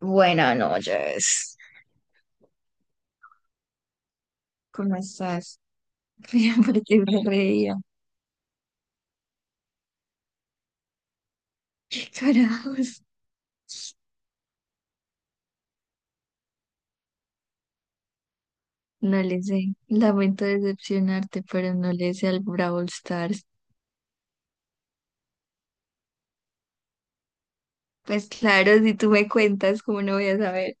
Buenas noches. ¿Cómo estás? Ría porque me reía. ¿Qué carajos? No le sé. Lamento decepcionarte, pero no le sé al Brawl Stars. Pues claro, si tú me cuentas, ¿cómo no voy a saber?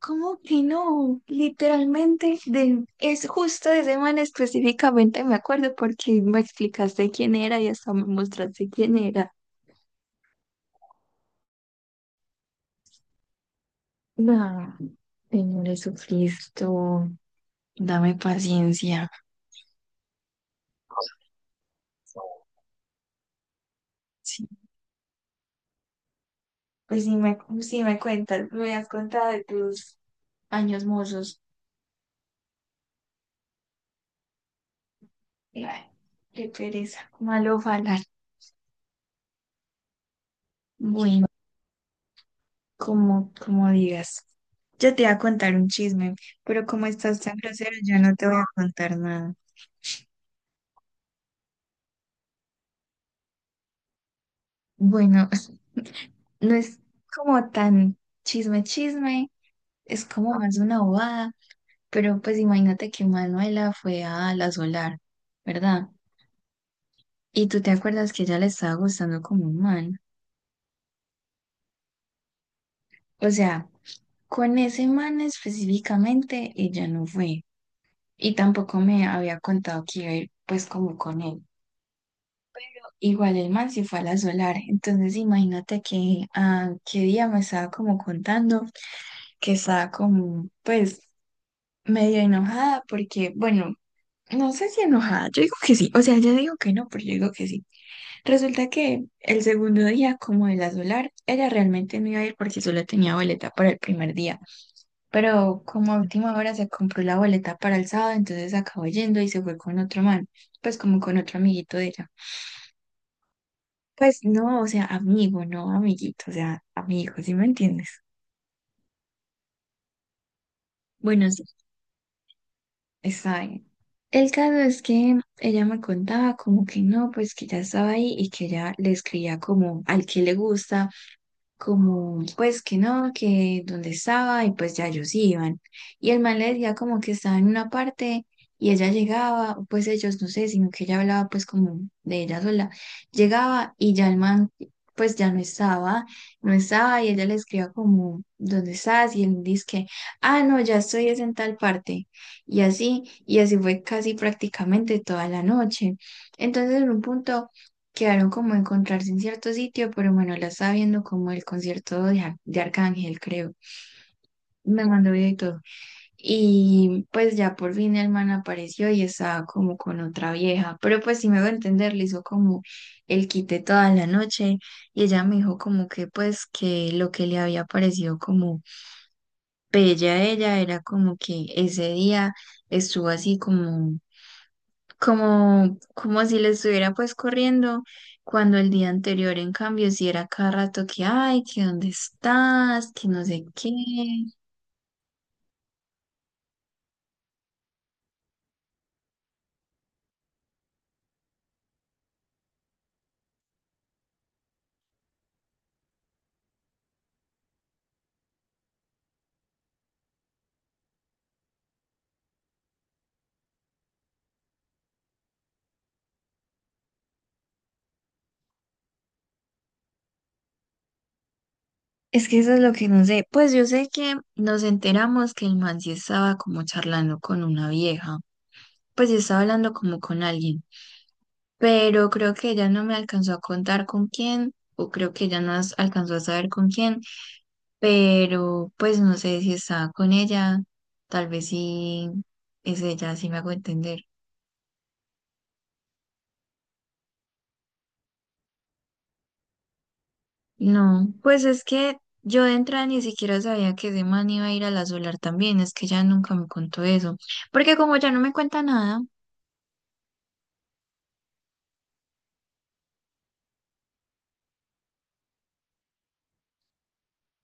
¿Cómo que no? Literalmente, es justo de semana específicamente me acuerdo porque me explicaste quién era y hasta me mostraste quién era. No, Señor Jesucristo, dame paciencia. Pues sí me cuentas, me has contado de tus años mozos. Ay, qué pereza, malo falar. Bueno, como digas. Yo te iba a contar un chisme, pero como estás tan grosero, yo no te voy a contar nada. Bueno, no es como tan chisme, chisme, es como más una bobada, pero pues imagínate que Manuela fue a la Solar, ¿verdad? Y tú te acuerdas que ella le estaba gustando como un man. O sea, con ese man específicamente ella no fue y tampoco me había contado que iba a ir pues como con él. Igual el man sí fue a la solar, entonces imagínate que ah, qué día me estaba como contando que estaba como pues medio enojada porque bueno, no sé si enojada, yo digo que sí, o sea, yo digo que no, pero yo digo que sí. Resulta que el segundo día como de la solar, ella realmente no iba a ir porque solo tenía boleta para el primer día, pero como a última hora se compró la boleta para el sábado, entonces acabó yendo y se fue con otro man, pues como con otro amiguito de ella. Pues no, o sea, amigo, no amiguito, o sea, amigo, ¿sí me entiendes? Bueno, sí, está bien. El caso es que ella me contaba como que no, pues que ya estaba ahí y que ella le escribía como al que le gusta como pues que no, que donde estaba y pues ya ellos iban. Y el man le decía como que estaba en una parte y ella llegaba, o pues ellos no sé, sino que ella hablaba pues como de ella sola. Llegaba y ya el man pues ya no estaba, no estaba y ella le escribía como, ¿dónde estás? Y él dice que, ah, no, ya estoy es en tal parte. Y así fue casi prácticamente toda la noche. Entonces en un punto, quedaron como de encontrarse en cierto sitio, pero Manuela estaba viendo como el concierto de, de Arcángel, creo. Me mandó video y todo. Y pues ya por fin el man apareció y estaba como con otra vieja. Pero pues si me va a entender, le hizo como el quite toda la noche. Y ella me dijo como que pues que lo que le había parecido como bella a ella era como que ese día estuvo así como como si le estuviera pues corriendo, cuando el día anterior, en cambio, si era cada rato que, ay, que dónde estás, que no sé qué. Es que eso es lo que no sé. Pues yo sé que nos enteramos que el man sí estaba como charlando con una vieja, pues sí estaba hablando como con alguien, pero creo que ella no me alcanzó a contar con quién. O creo que ella no alcanzó a saber con quién, pero pues no sé si estaba con ella, tal vez sí es ella, si me hago entender. No, pues es que yo de entrada ni siquiera sabía que ese man iba a ir a la Solar también, es que ella nunca me contó eso, porque como ya no me cuenta nada.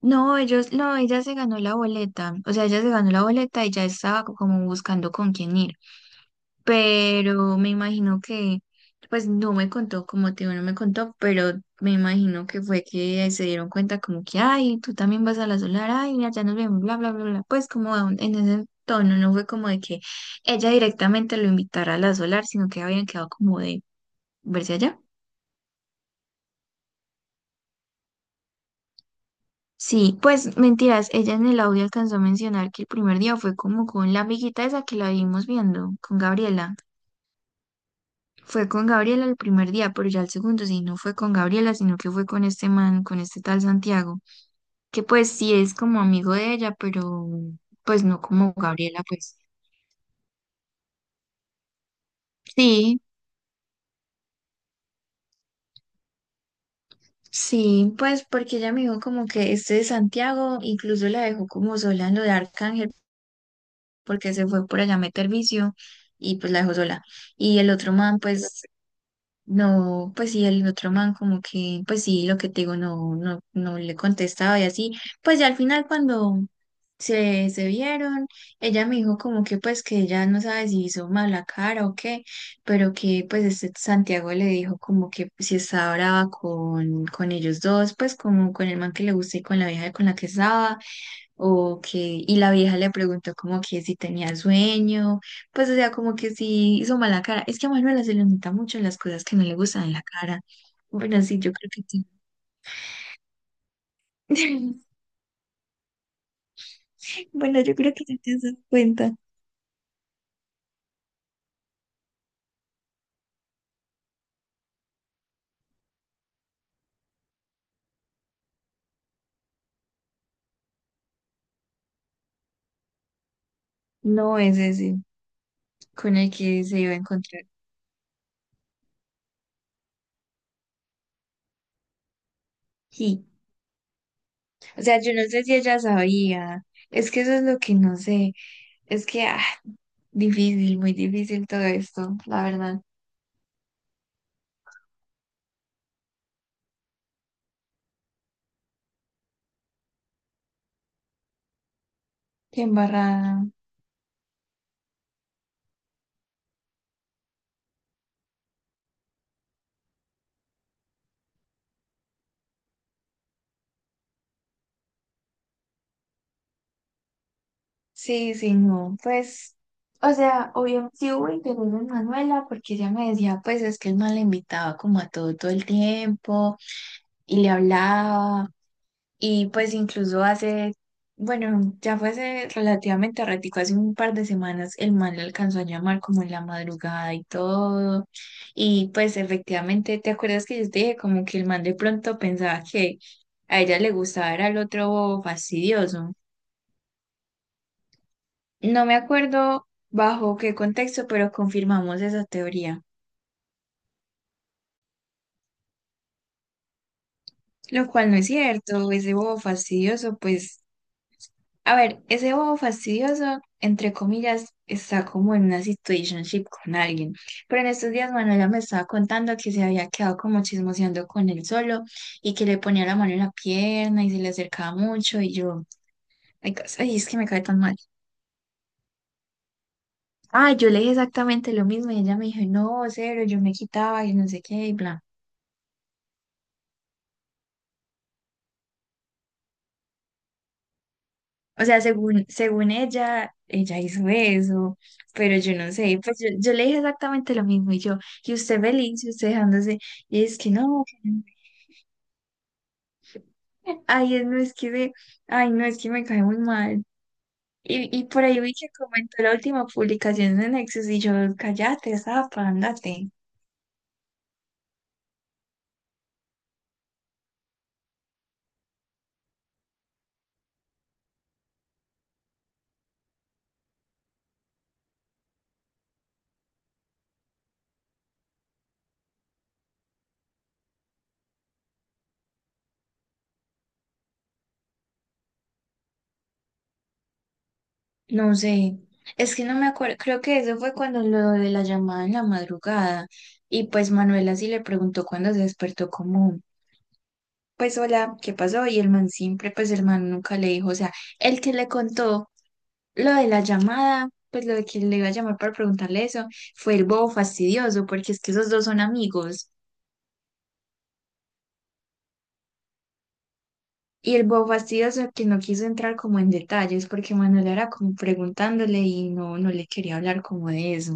No, ellos, no, ella se ganó la boleta, o sea, ella se ganó la boleta y ya estaba como buscando con quién ir. Pero me imagino que, pues no me contó, como te digo, no me contó, pero me imagino que fue que se dieron cuenta como que, ay, tú también vas a la solar, ay, mira, ya nos vemos, bla, bla, bla, bla, pues como a en ese tono, no fue como de que ella directamente lo invitara a la solar, sino que habían quedado como de verse allá. Sí, pues mentiras, ella en el audio alcanzó a mencionar que el primer día fue como con la amiguita esa que la vimos viendo, con Gabriela. Fue con Gabriela el primer día, pero ya el segundo sí, no fue con Gabriela, sino que fue con este man, con este tal Santiago, que pues sí es como amigo de ella, pero pues no como Gabriela, pues. Sí, sí, pues porque ella me dijo como que este de Santiago incluso la dejó como sola en lo de Arcángel, porque se fue por allá a meter vicio y pues la dejó sola. Y el otro man, pues no, pues sí, el otro man como que, pues sí, lo que te digo, no le contestaba y así. Pues ya al final cuando se vieron, ella me dijo como que pues que ella no sabe si hizo mala cara o qué, pero que pues este Santiago le dijo como que si estaba brava con ellos dos, pues como con el man que le gusta y con la vieja con la que estaba. Ok, y la vieja le preguntó como que si tenía sueño, pues o sea, como que si hizo mala cara. Es que a Manuela se le nota mucho las cosas que no le gustan en la cara. Bueno, sí, yo creo que sí. Bueno, yo creo que sí te das cuenta. No, es ese sí, con el que se iba a encontrar. Sí, o sea, yo no sé si ella sabía. Es que eso es lo que no sé. Es que, ah, difícil, muy difícil todo esto, la verdad. Qué embarrada. Sí, sí, no, pues, o sea, obviamente sí hubo interés en Manuela porque ella me decía, pues es que el man la invitaba como a todo todo el tiempo y le hablaba y pues incluso hace, bueno, ya fue hace relativamente ratico, hace un par de semanas el man le alcanzó a llamar como en la madrugada y todo y pues efectivamente, ¿te acuerdas que yo te dije como que el man de pronto pensaba que a ella le gustaba era el otro fastidioso? No me acuerdo bajo qué contexto, pero confirmamos esa teoría, lo cual no es cierto. Ese bobo fastidioso, pues, a ver, ese bobo fastidioso, entre comillas, está como en una situationship con alguien. Pero en estos días Manuela me estaba contando que se había quedado como chismoseando con él solo y que le ponía la mano en la pierna y se le acercaba mucho y yo, ay, ay, es que me cae tan mal. Ah, yo le dije exactamente lo mismo y ella me dijo, no, cero, yo me quitaba y no sé qué y bla. O sea, según ella, ella hizo eso, pero yo no sé, pues yo le dije exactamente lo mismo y yo, y usted feliz, y usted dejándose, y es que no, ay, no es que me, ay, no es que me cae muy mal. Y por ahí vi que comentó la última publicación de Nexus y yo, cállate, zapa, ándate. No sé, es que no me acuerdo, creo que eso fue cuando lo de la llamada en la madrugada, y pues Manuela sí le preguntó cuando se despertó como pues hola, ¿qué pasó? Y el man siempre, pues el man nunca le dijo, o sea, el que le contó lo de la llamada, pues lo de que le iba a llamar para preguntarle eso, fue el bobo fastidioso, porque es que esos dos son amigos. Y el bobo fastidioso que no quiso entrar como en detalles, porque Manuel era como preguntándole y no le quería hablar como de eso.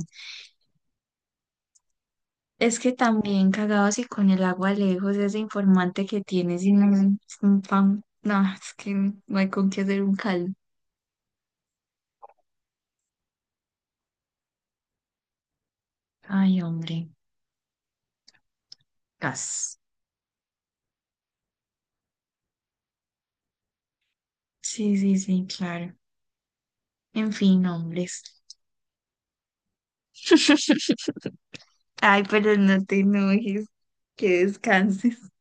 Es que también cagado así con el agua lejos, ese informante que tiene, sin un pan, no, es que no hay con qué hacer un caldo. Ay, hombre, gas. Sí, sí, sí, claro. En fin, hombres. Ay, pero no te enojes, que descanses.